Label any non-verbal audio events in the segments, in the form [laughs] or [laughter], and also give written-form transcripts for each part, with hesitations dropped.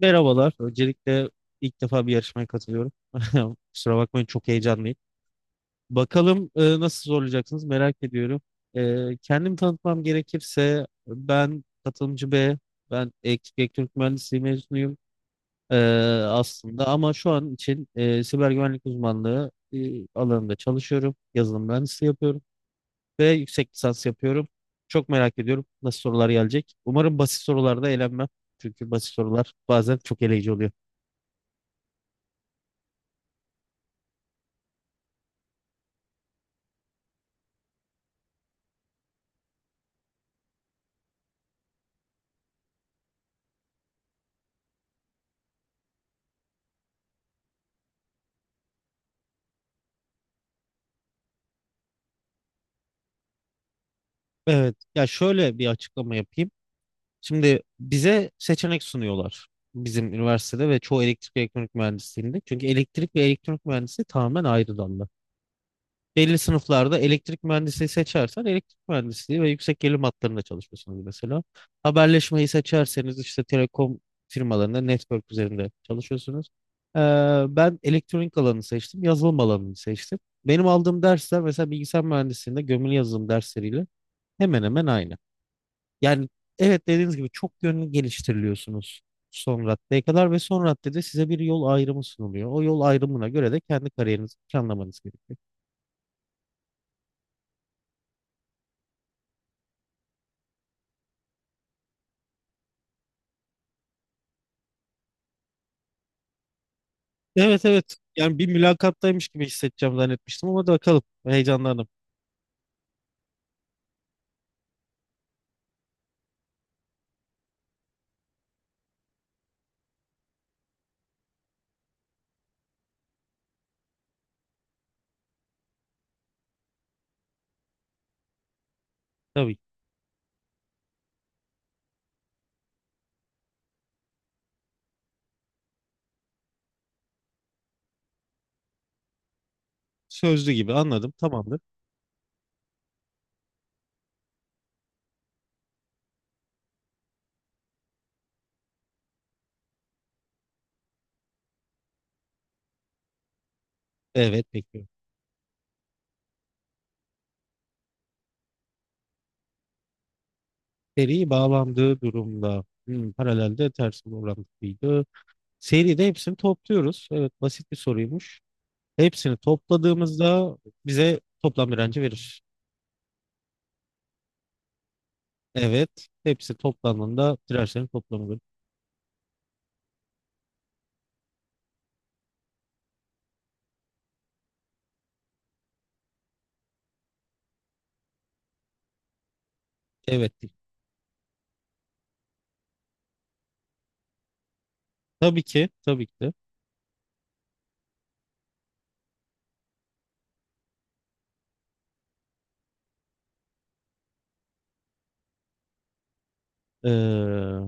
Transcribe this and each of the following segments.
Merhabalar. Öncelikle ilk defa bir yarışmaya katılıyorum. [laughs] Kusura bakmayın çok heyecanlıyım. Bakalım nasıl zorlayacaksınız merak ediyorum. Kendimi tanıtmam gerekirse ben katılımcı B, ben elektrik elektronik mühendisliği mezunuyum e, aslında ama şu an için siber güvenlik uzmanlığı alanında çalışıyorum. Yazılım mühendisliği yapıyorum ve yüksek lisans yapıyorum. Çok merak ediyorum nasıl sorular gelecek. Umarım basit sorularda eğlenmem. Çünkü basit sorular bazen çok eleyici oluyor. Evet. Ya şöyle bir açıklama yapayım. Şimdi bize seçenek sunuyorlar bizim üniversitede ve çoğu elektrik ve elektronik mühendisliğinde. Çünkü elektrik ve elektronik mühendisliği tamamen ayrı dallar. Belli sınıflarda elektrik mühendisliği seçersen elektrik mühendisliği ve yüksek gerilim hatlarında çalışıyorsunuz mesela. Haberleşmeyi seçerseniz işte telekom firmalarında network üzerinde çalışıyorsunuz. Ee, Ben elektronik alanı seçtim, yazılım alanını seçtim. Benim aldığım dersler mesela bilgisayar mühendisliğinde gömülü yazılım dersleriyle hemen hemen aynı. Yani evet dediğiniz gibi çok yönlü geliştiriliyorsunuz son raddeye kadar ve son raddede size bir yol ayrımı sunuluyor. O yol ayrımına göre de kendi kariyerinizi planlamanız gerekiyor. Evet evet, yani bir mülakattaymış gibi hissedeceğim zannetmiştim ama da bakalım heyecanlandım. Tabii, sözlü gibi anladım, tamamdır. Evet, bekliyorum. Seri bağlandığı durumda paralelde ters bir orantılıydı. Seride hepsini topluyoruz. Evet, basit bir soruymuş. Hepsini topladığımızda bize toplam direnci verir. Evet. Hepsi toplandığında tirajların toplamıdır. Evet. Değil. Tabii ki. Tabii ki de. Ee,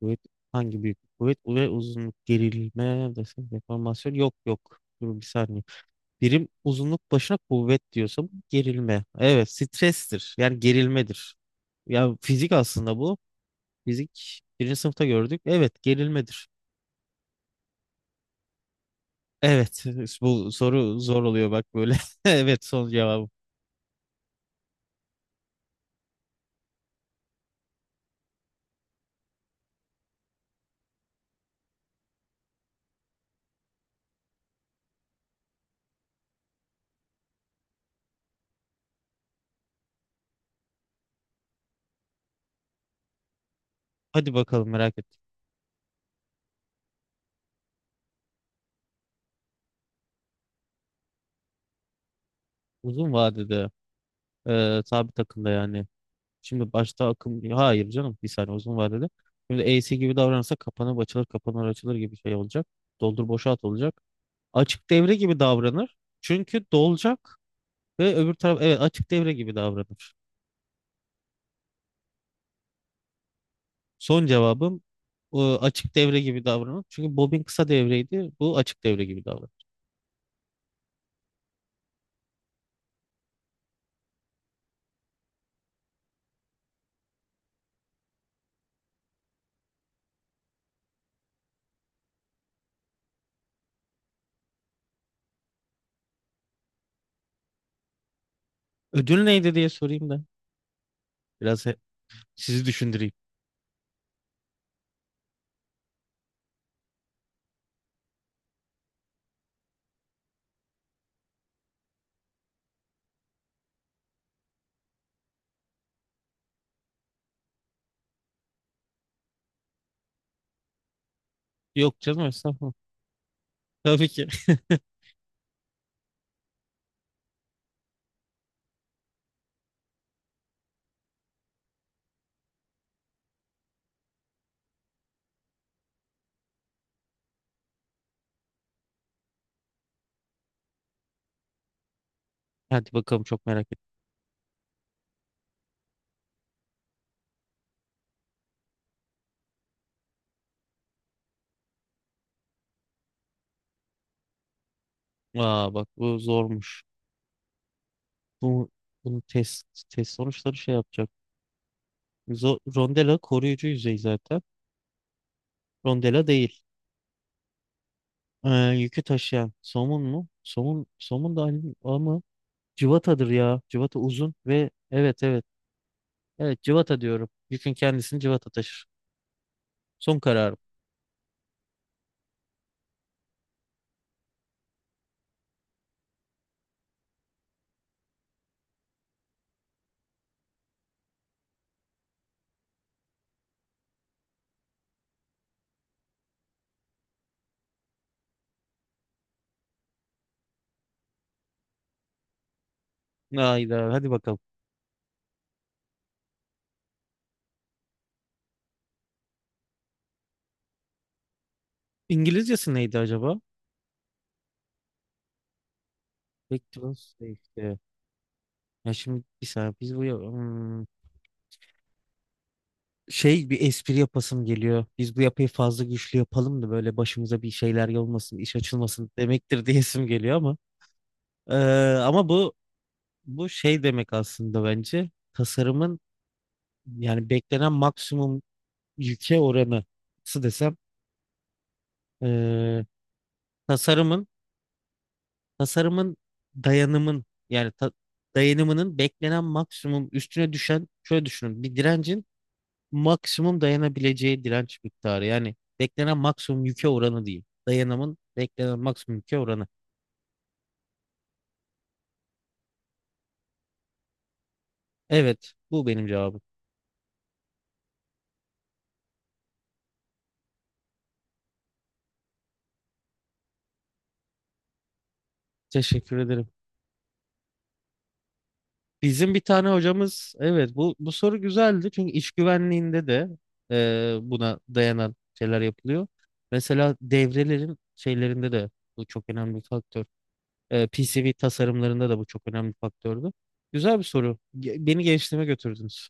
kuvvet, hangi büyük kuvvet ve uzunluk gerilme desem deformasyon, yok yok. Dur bir saniye. Birim uzunluk başına kuvvet diyorsam gerilme. Evet, strestir. Yani gerilmedir. Ya fizik aslında bu. Fizik birinci sınıfta gördük. Evet, gerilmedir. Evet, [laughs] bu soru zor oluyor bak böyle. [laughs] Evet, son cevabım. Hadi bakalım, merak ettim. Uzun vadede. Sabit akıllı yani. Şimdi başta akım, hayır canım, bir saniye, uzun vadede. Şimdi AC gibi davranırsa kapanıp açılır kapanır açılır gibi şey olacak. Doldur boşalt olacak. Açık devre gibi davranır. Çünkü dolacak ve öbür taraf, evet açık devre gibi davranır. Son cevabım açık devre gibi davranır. Çünkü bobin kısa devreydi. Bu açık devre gibi davranır. Ödül neydi diye sorayım da biraz sizi düşündüreyim. Yok canım, estağfurullah. Tabii ki. [laughs] Hadi bakalım, çok merak ettim. Aa bak, bu zormuş. Bu bunun test sonuçları şey yapacak. Rondela koruyucu yüzey zaten. Rondela değil. Ee, Yükü taşıyan somun mu? Somun da aynı ama cıvatadır ya. Cıvata uzun ve evet evet. Evet, cıvata diyorum. Yükün kendisini cıvata taşır. Son kararım. Hayda, hadi bakalım. İngilizcesi neydi acaba? Back to safety. Ya şimdi bir saniye biz bu hmm. Şey, bir espri yapasım geliyor. Biz bu yapıyı fazla güçlü yapalım da böyle başımıza bir şeyler olmasın, iş açılmasın demektir [laughs] diyesim geliyor ama Ee, ama bu şey demek aslında bence tasarımın yani beklenen maksimum yüke oranı, nasıl desem ee, tasarımın tasarımın dayanımın, yani dayanımının beklenen maksimum üstüne düşen, şöyle düşünün, bir direncin maksimum dayanabileceği direnç miktarı. Yani beklenen maksimum yüke oranı değil. Dayanımın beklenen maksimum yüke oranı. Evet, bu benim cevabım. Teşekkür ederim. Bizim bir tane hocamız, evet bu, bu soru güzeldi çünkü iş güvenliğinde de buna dayanan şeyler yapılıyor. Mesela devrelerin şeylerinde de bu çok önemli bir faktör. PCB tasarımlarında da bu çok önemli bir faktördü. Güzel bir soru. Beni gençliğime götürdünüz.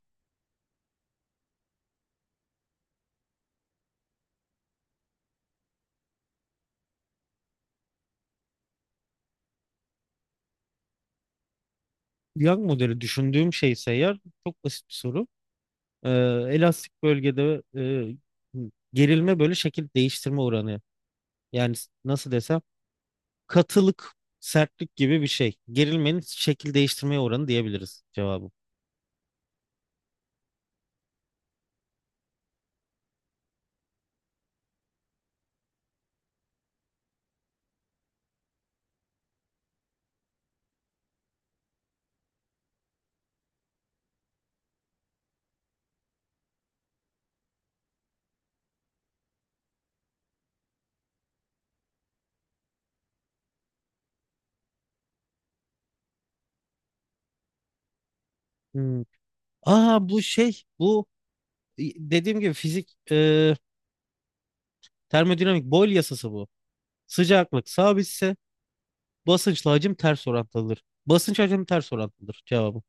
Young modeli düşündüğüm şeyse eğer çok basit bir soru. e, Elastik bölgede e, gerilme böyle şekil değiştirme oranı. Yani nasıl desem, katılık, sertlik gibi bir şey. Gerilmenin şekil değiştirme oranı diyebiliriz cevabı. Hmm. Aa bu şey, bu dediğim gibi fizik, termodinamik, Boyle yasası bu. Sıcaklık sabitse basınçla hacim ters orantılıdır. Basınç hacim ters orantılıdır cevabı.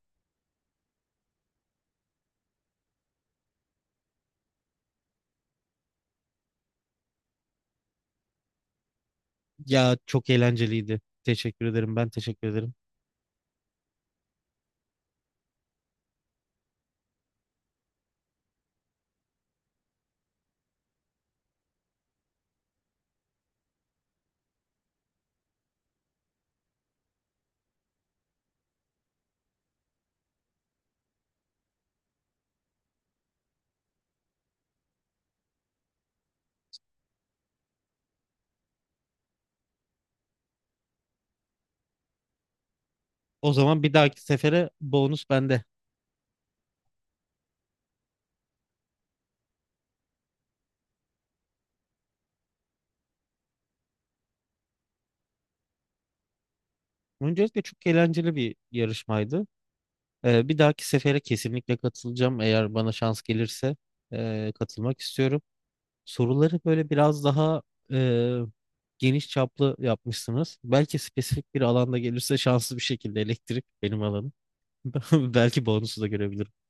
Ya, çok eğlenceliydi. Teşekkür ederim. Ben teşekkür ederim. O zaman bir dahaki sefere bonus bende. Öncelikle çok eğlenceli bir yarışmaydı. Bir dahaki sefere kesinlikle katılacağım. Eğer bana şans gelirse katılmak istiyorum. Soruları böyle biraz daha e, geniş çaplı yapmışsınız. Belki spesifik bir alanda gelirse şanslı bir şekilde elektrik benim alanım. [laughs] Belki bonusu da görebilirim.